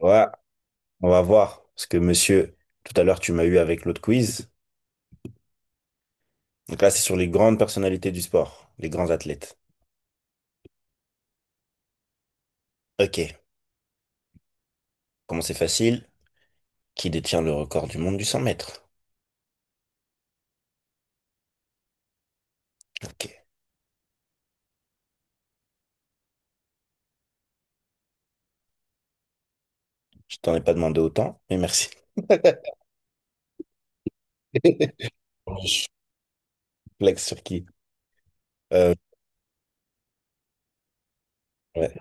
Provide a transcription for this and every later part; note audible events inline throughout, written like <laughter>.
Ouais, on va voir. Parce que monsieur, tout à l'heure, tu m'as eu avec l'autre quiz. Donc là, c'est sur les grandes personnalités du sport, les grands athlètes. Ok, comment c'est facile? Qui détient le record du monde du 100 mètres? Ok, je t'en ai pas demandé autant, mais merci. <laughs> Je Flex sur qui? Euh, ouais,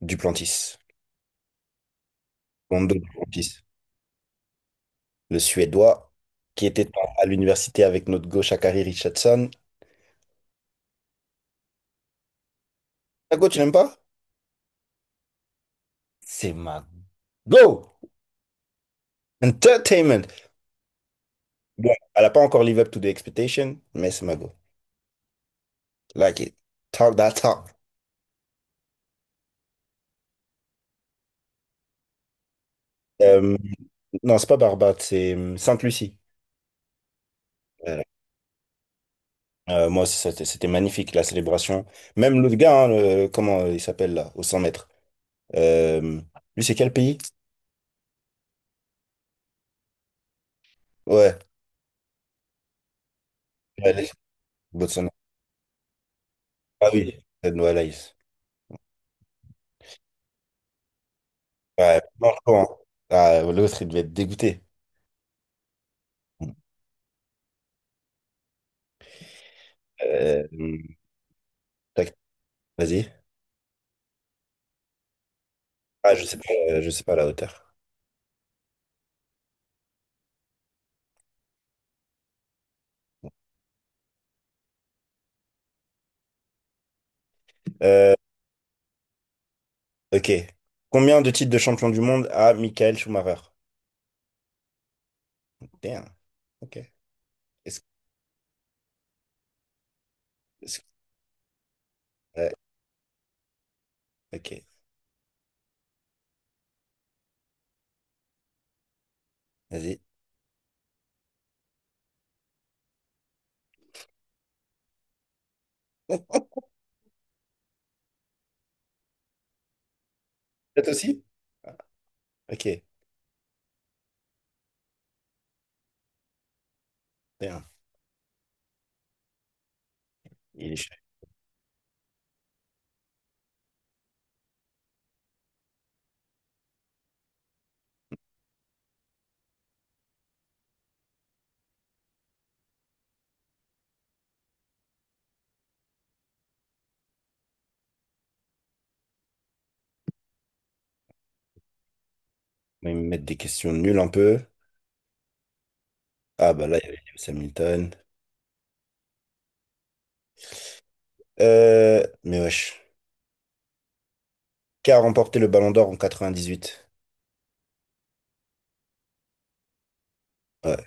Duplantis. Lando Duplantis. Le Suédois qui était à l'université avec notre gauche Shakari Richardson. Ta go, tu l'aimes pas? C'est ma go! Entertainment! Bon, elle n'a pas encore live up to the expectation, mais c'est ma go. Like it. Talk that talk. Euh, non, c'est pas Barbade, c'est Sainte-Lucie. Voilà. Moi aussi, c'était magnifique, la célébration. Même l'autre gars, hein, comment il s'appelle là, au 100 mètres. Euh, lui, c'est quel pays? Ouais, allez, Botswana. Ah oui, Ted Wallace. Ouais, franchement. Ah, l'autre, il devait être dégoûté. Euh, tac, vas-y. Ah, je sais pas la hauteur. Euh, ok. Combien de titres de champion du monde a Michael Schumacher? Damn, ok. Est-ce Ouais, ok, vas-y. <laughs> Peut-être aussi? Ah, ok, bien. Il est chaud. Ils me mettent des questions nulles un peu. Ah bah là, il y avait Lewis Hamilton. Mais wesh. Qui a remporté le Ballon d'Or en 98? Ouais,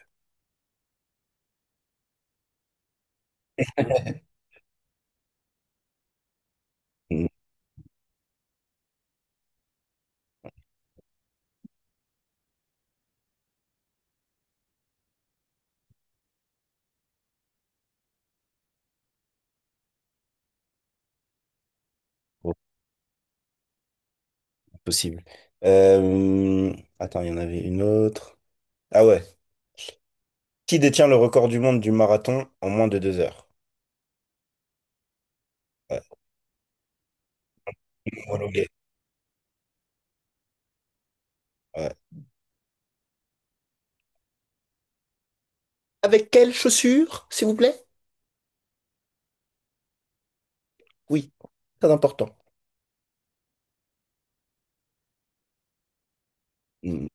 non, oh, impossible. Euh, attends, il y en avait une autre. Ah ouais. Qui détient le record du monde du marathon en moins de 2 heures? Ouais. Homologué. Ouais. Avec quelles chaussures, s'il vous plaît? Oui, très important. Hmm.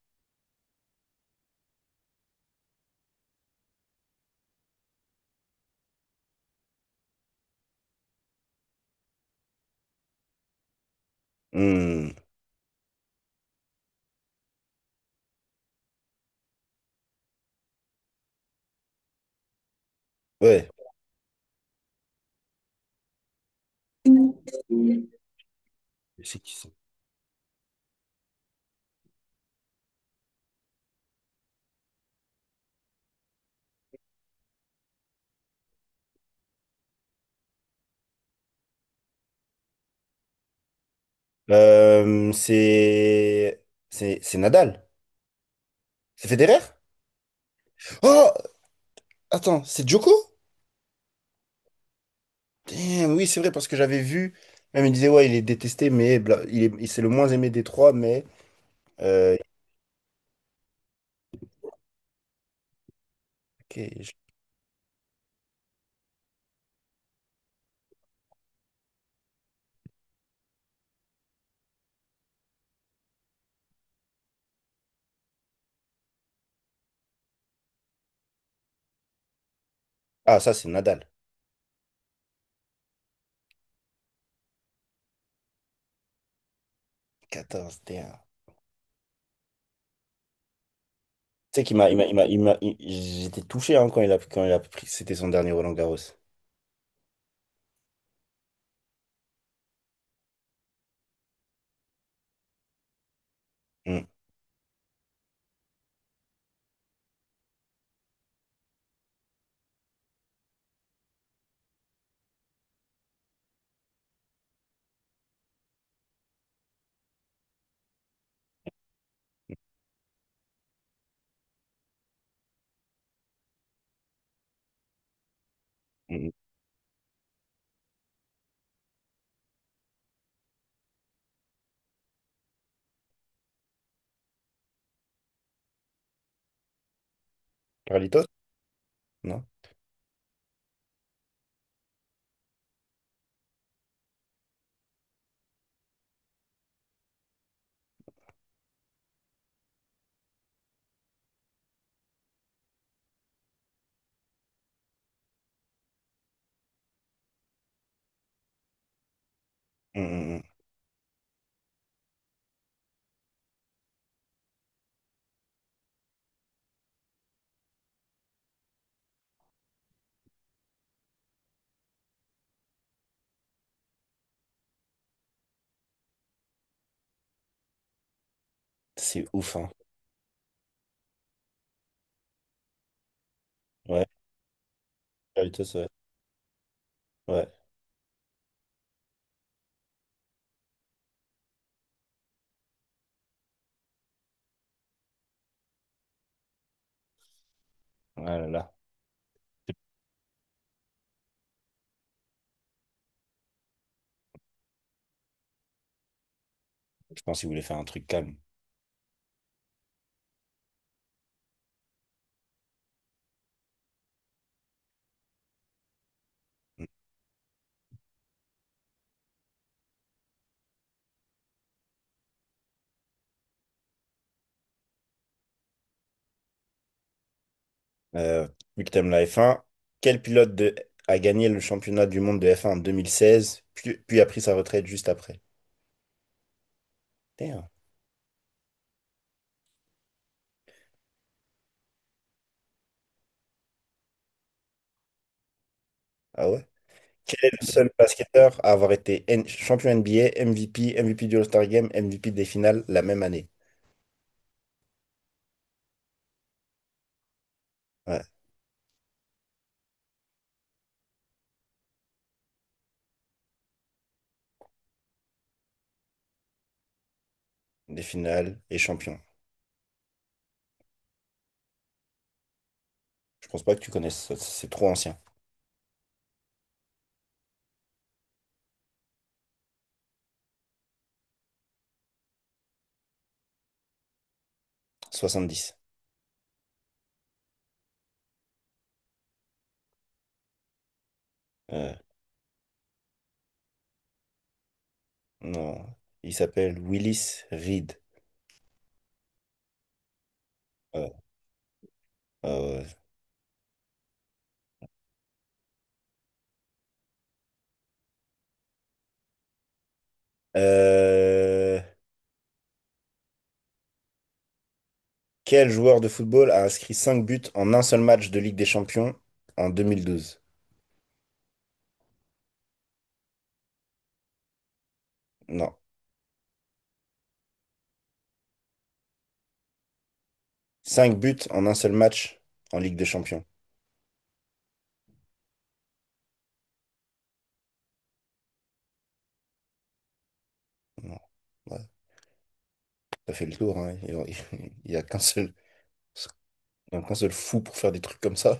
Hmm. Ouais. C'est qui ça? Euh, c'est c'est Nadal. C'est Federer? Oh, attends, c'est Djoko? Damn, oui, c'est vrai parce que j'avais vu. Même il disait ouais, il est détesté, mais c'est le moins aimé des trois, mais euh, ok, ah ça c'est Nadal. 14, damn. Tu sais qu'il m'a j'étais touché hein, quand il a pris c'était son dernier Roland Garros. Hum, hum, hum. Carlitos? Non? Hum, hum, hum. C'est ouf hein. Ouais, Carlitos, ouais. Ouais. Ah là là. Je pense qu'il voulait faire un truc calme. Euh, vu que t'aimes la F1, quel pilote a gagné le championnat du monde de F1 en 2016, puis a pris sa retraite juste après? Damn. Ah ouais? Quel est le seul basketteur à avoir été champion NBA, MVP, MVP du All-Star Game, MVP des finales la même année? Ouais, des finales et champion. Je pense pas que tu connaisses, ça, c'est trop ancien. 70. Euh, non. Il s'appelle Willis Reed. Ouais, ouais, ouais. Euh, Quel joueur de football a inscrit 5 buts en un seul match de Ligue des Champions en 2012? Non. Cinq buts en un seul match en Ligue des Champions. Non. Ouais, ça fait le tour, hein. N'y a qu'un seul, il y a qu'un seul fou pour faire des trucs comme ça.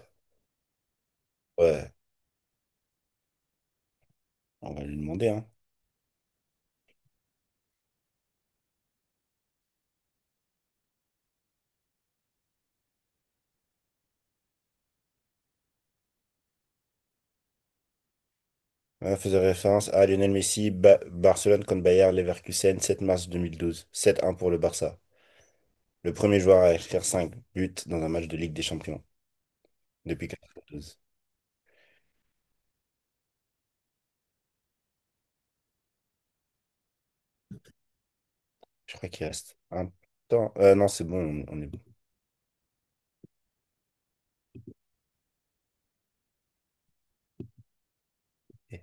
Ouais, on va lui demander, hein. Ouais, faisait référence à Lionel Messi, Barcelone contre Bayer Leverkusen, 7 mars 2012. 7-1 pour le Barça. Le premier joueur à inscrire 5 buts dans un match de Ligue des Champions depuis 92. Je crois qu'il reste un temps. Non, c'est bon, on est. Oui.